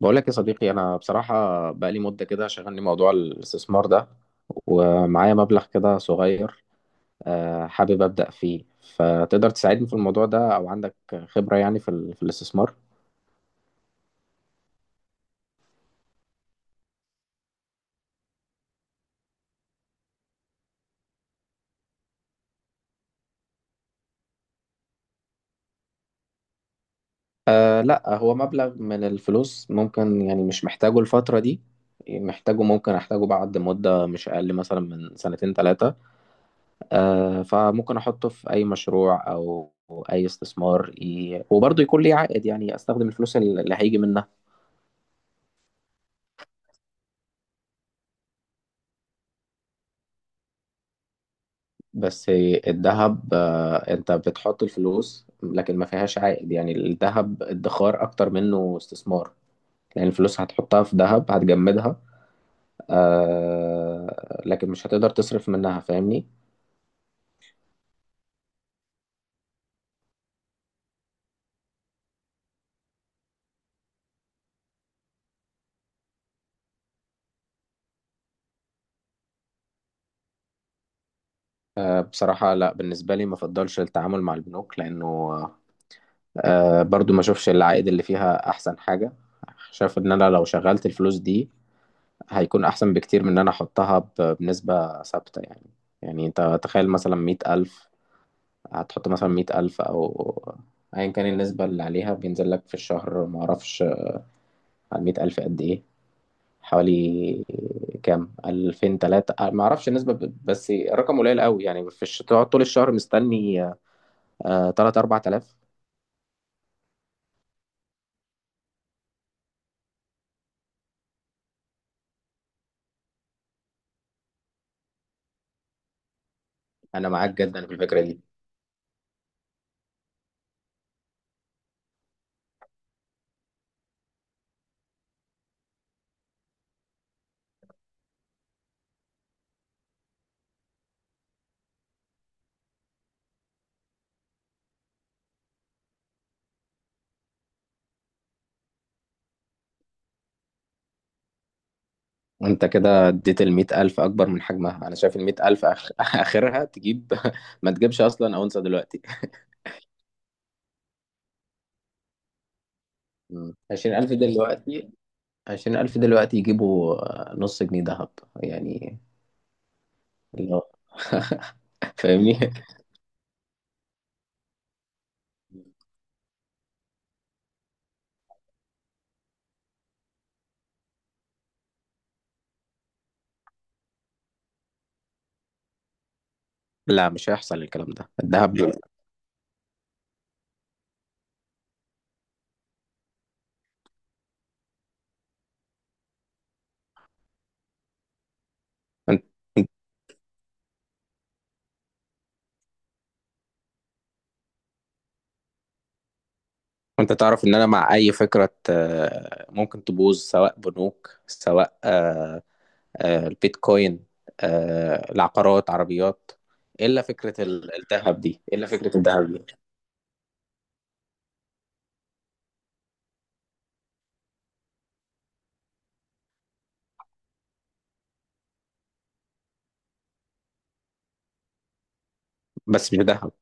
بقول لك يا صديقي، انا بصراحه بقالي مده كده شغلني موضوع الاستثمار ده، ومعايا مبلغ كده صغير، آه، حابب ابدا فيه. فتقدر تساعدني في الموضوع ده او عندك خبره يعني في الاستثمار؟ آه لا، هو مبلغ من الفلوس، ممكن يعني مش محتاجه الفتره دي، محتاجه، ممكن احتاجه بعد مده مش اقل مثلا من سنتين ثلاثه. آه، فممكن احطه في اي مشروع او اي استثمار، وبرضه يكون ليه عائد، يعني استخدم الفلوس اللي هيجي منها. بس الذهب، آه، انت بتحط الفلوس لكن ما فيهاش عائد، يعني الذهب ادخار اكتر منه استثمار، لان الفلوس هتحطها في ذهب هتجمدها. آه، لكن مش هتقدر تصرف منها، فاهمني؟ آه، بصراحة لا، بالنسبة لي ما افضلش التعامل مع البنوك، لانه آه، برضو ما اشوفش العائد اللي فيها احسن حاجة. شايف ان انا لو شغلت الفلوس دي هيكون احسن بكتير من ان انا احطها بنسبة ثابتة يعني. يعني انت تخيل مثلا مئة ألف، هتحط مثلا مية ألف أو أيا كان النسبة اللي عليها بينزل لك في الشهر، معرفش. على مية ألف قد إيه؟ حوالي كام، ألفين تلاتة؟ معرفش النسبة، بس الرقم قليل قوي يعني. في تقعد طول الشهر مستني آه، تلات أربع تلاف. أنا معاك جدا في الفكرة دي. أنت كده اديت المية ألف أكبر من حجمها، أنا شايف المية ألف آخرها تجيب ما تجيبش أصلا أونصة دلوقتي. مم. عشرين ألف دلوقتي. عشرين ألف دلوقتي يجيبوا آه، نص جنيه دهب يعني. اللي هو فاهمني. لا مش هيحصل الكلام ده، الذهب ليه. انت انت انت تعرف ان انا مع اي فكرة آه، ممكن تبوظ، سواء بنوك، سواء آه، آه، البيتكوين، آه، العقارات، عربيات. إيه الا فكرة الذهب دي، إيه الا فكرة الذهب دي؟ بس مش ذهب.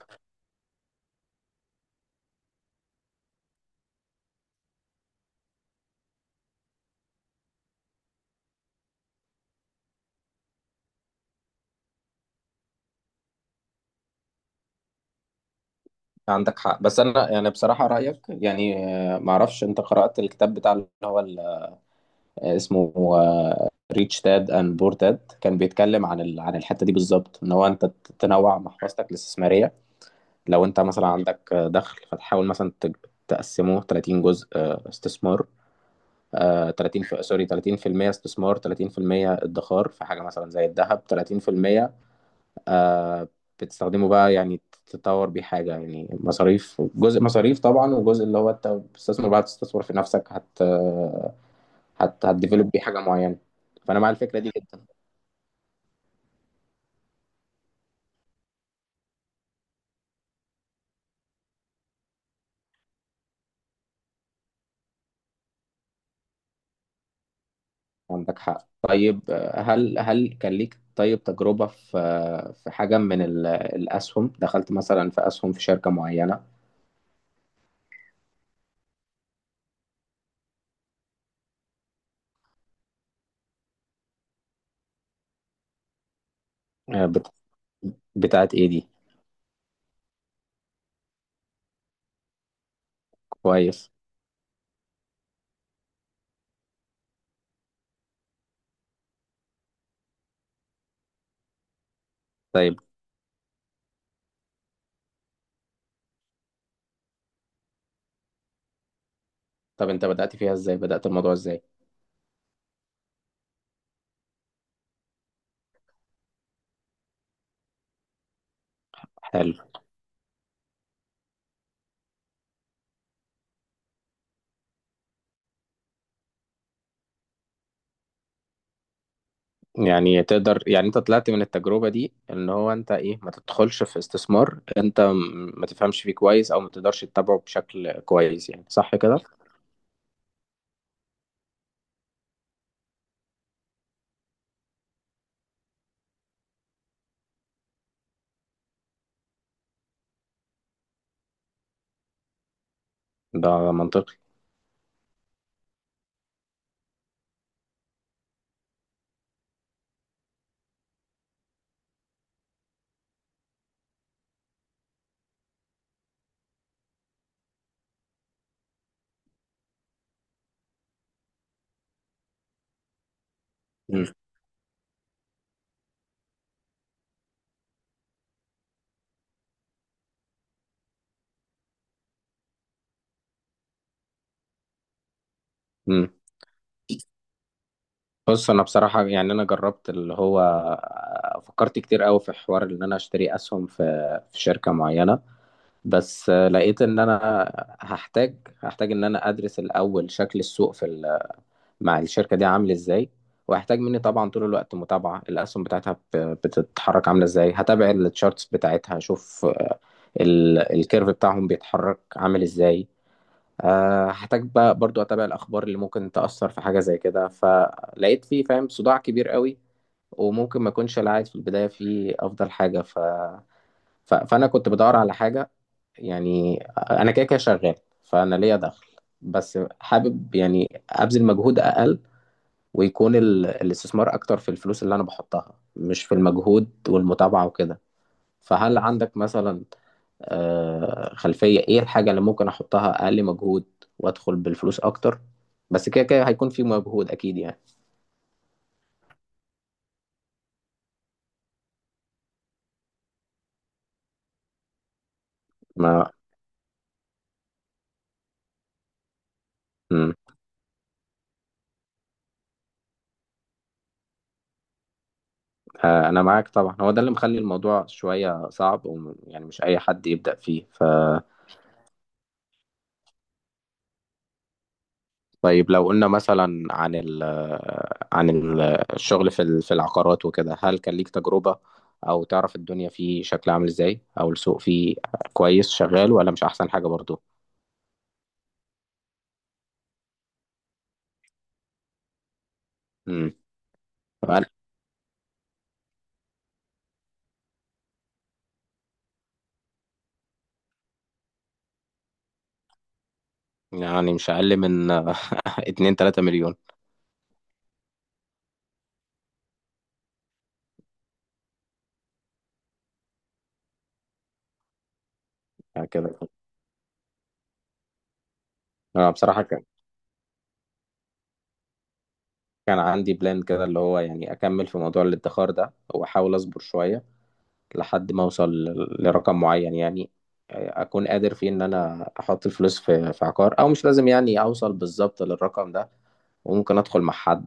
عندك حق، بس انا يعني بصراحة رأيك يعني، آه، ما اعرفش، انت قرأت الكتاب بتاع اللي هو اسمه ريتش داد اند بور داد؟ كان بيتكلم عن عن الحته دي بالظبط، ان هو انت تنوع محفظتك الاستثماريه. لو انت مثلا عندك دخل فتحاول مثلا تقسمه 30 جزء، آه، استثمار، آه، 30 في سوري، 30% استثمار، 30% ادخار في حاجه مثلا زي الذهب، 30% آه، بتستخدمه بقى يعني، تطور بيه حاجه، يعني مصاريف، جزء مصاريف طبعا، وجزء اللي هو انت بتستثمر بقى، تستثمر في نفسك، هت هت هتديفلوب بيه حاجه معينه. فانا مع الفكره دي جدا. عندك حق. طيب آه، هل كان ليك طيب تجربه في آه، في حاجه من الاسهم، دخلت مثلا في اسهم في شركه معينه؟ آه، بتاعت ايه دي؟ كويس. طيب، طب انت بدأت فيها ازاي، بدأت الموضوع ازاي؟ حلو. يعني تقدر يعني انت طلعت من التجربة دي ان هو انت ايه، ما تدخلش في استثمار انت ما تفهمش فيه كويس او ما تقدرش تتابعه بشكل كويس، يعني صح كده؟ ده منطقي. امم. بص انا بصراحه يعني انا جربت اللي هو آه، فكرت كتير قوي في حوار ان انا اشتري اسهم، في في شركه معينه، بس لقيت ان انا هحتاج هحتاج ان انا ادرس الاول شكل السوق في مع الشركه دي عامل ازاي، وهحتاج مني طبعا طول الوقت متابعه الاسهم بتاعتها بتتحرك عامله ازاي، هتابع التشارتس بتاعتها، اشوف الكيرف بتاعهم بيتحرك عامل ازاي، آه، هحتاج بقى برضو اتابع الاخبار اللي ممكن تاثر في حاجه زي كده، فلقيت فيه فاهم صداع كبير قوي، وممكن ما اكونش العائد في البدايه فيه افضل حاجه فانا كنت بدور على حاجه، يعني انا كده كده شغال، فانا ليا دخل، بس حابب يعني ابذل مجهود اقل، ويكون الاستثمار اكتر في الفلوس اللي انا بحطها، مش في المجهود والمتابعه وكده. فهل عندك مثلا آه، خلفية ايه الحاجة اللي ممكن احطها اقل مجهود وادخل بالفلوس اكتر؟ بس كده كده هيكون في مجهود اكيد يعني. ما مم. آه، انا معاك طبعا، هو ده اللي مخلي الموضوع شوية صعب يعني مش اي حد يبدأ فيه. ف طيب، لو قلنا مثلا عن ال عن ال- الشغل في في العقارات وكده، هل كان ليك تجربة او تعرف الدنيا فيه شكلها عامل ازاي، او السوق فيه كويس شغال ولا مش احسن حاجة برضو؟ امم. يعني مش أقل من اتنين تلاتة مليون. هكذا. أنا بصراحة كان عندي بلان كده اللي هو يعني أكمل في موضوع الادخار ده وأحاول أصبر شوية لحد ما أوصل لرقم معين يعني، أكون قادر فيه إن أنا أحط الفلوس في في عقار، أو مش لازم يعني أوصل بالظبط للرقم ده، وممكن أدخل مع حد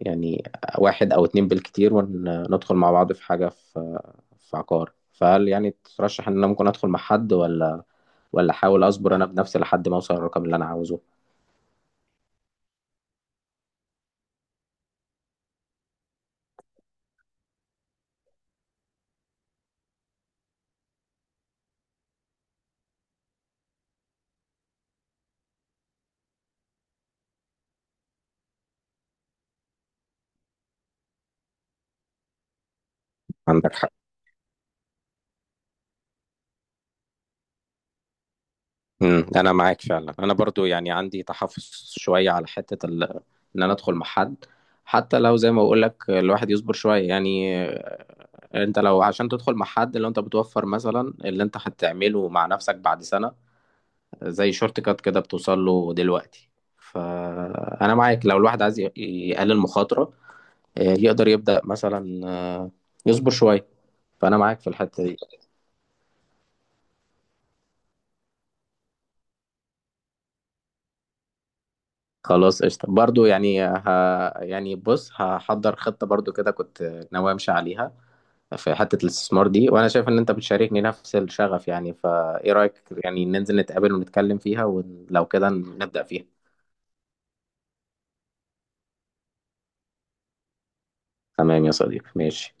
يعني، واحد أو اتنين بالكتير، وندخل مع بعض في حاجة في في عقار. فهل يعني ترشح إن أنا ممكن أدخل مع حد، ولا أحاول أصبر أنا بنفسي لحد ما أوصل للرقم اللي أنا عاوزه؟ عندك حق. امم. انا معاك فعلا، انا برضو يعني عندي تحفظ شويه على حته ان انا ادخل مع حد، حتى لو زي ما بقول لك الواحد يصبر شويه يعني، آه، انت لو عشان تدخل مع حد، لو انت بتوفر مثلا اللي انت هتعمله مع نفسك بعد سنه، زي شورت كات كده بتوصل له دلوقتي. فانا معاك لو الواحد عايز يقلل مخاطره، آه، يقدر يبدا مثلا آه، يصبر شويه، فانا معاك في الحته دي. خلاص قشطة، برضو يعني يعني بص، هحضر خطة برضو كده كنت ناوي امشي عليها في حتة الاستثمار دي، وانا شايف ان انت بتشاركني نفس الشغف يعني، فايه رأيك يعني ننزل نتقابل ونتكلم فيها، ولو كده نبدأ فيها؟ تمام يا صديقي، ماشي.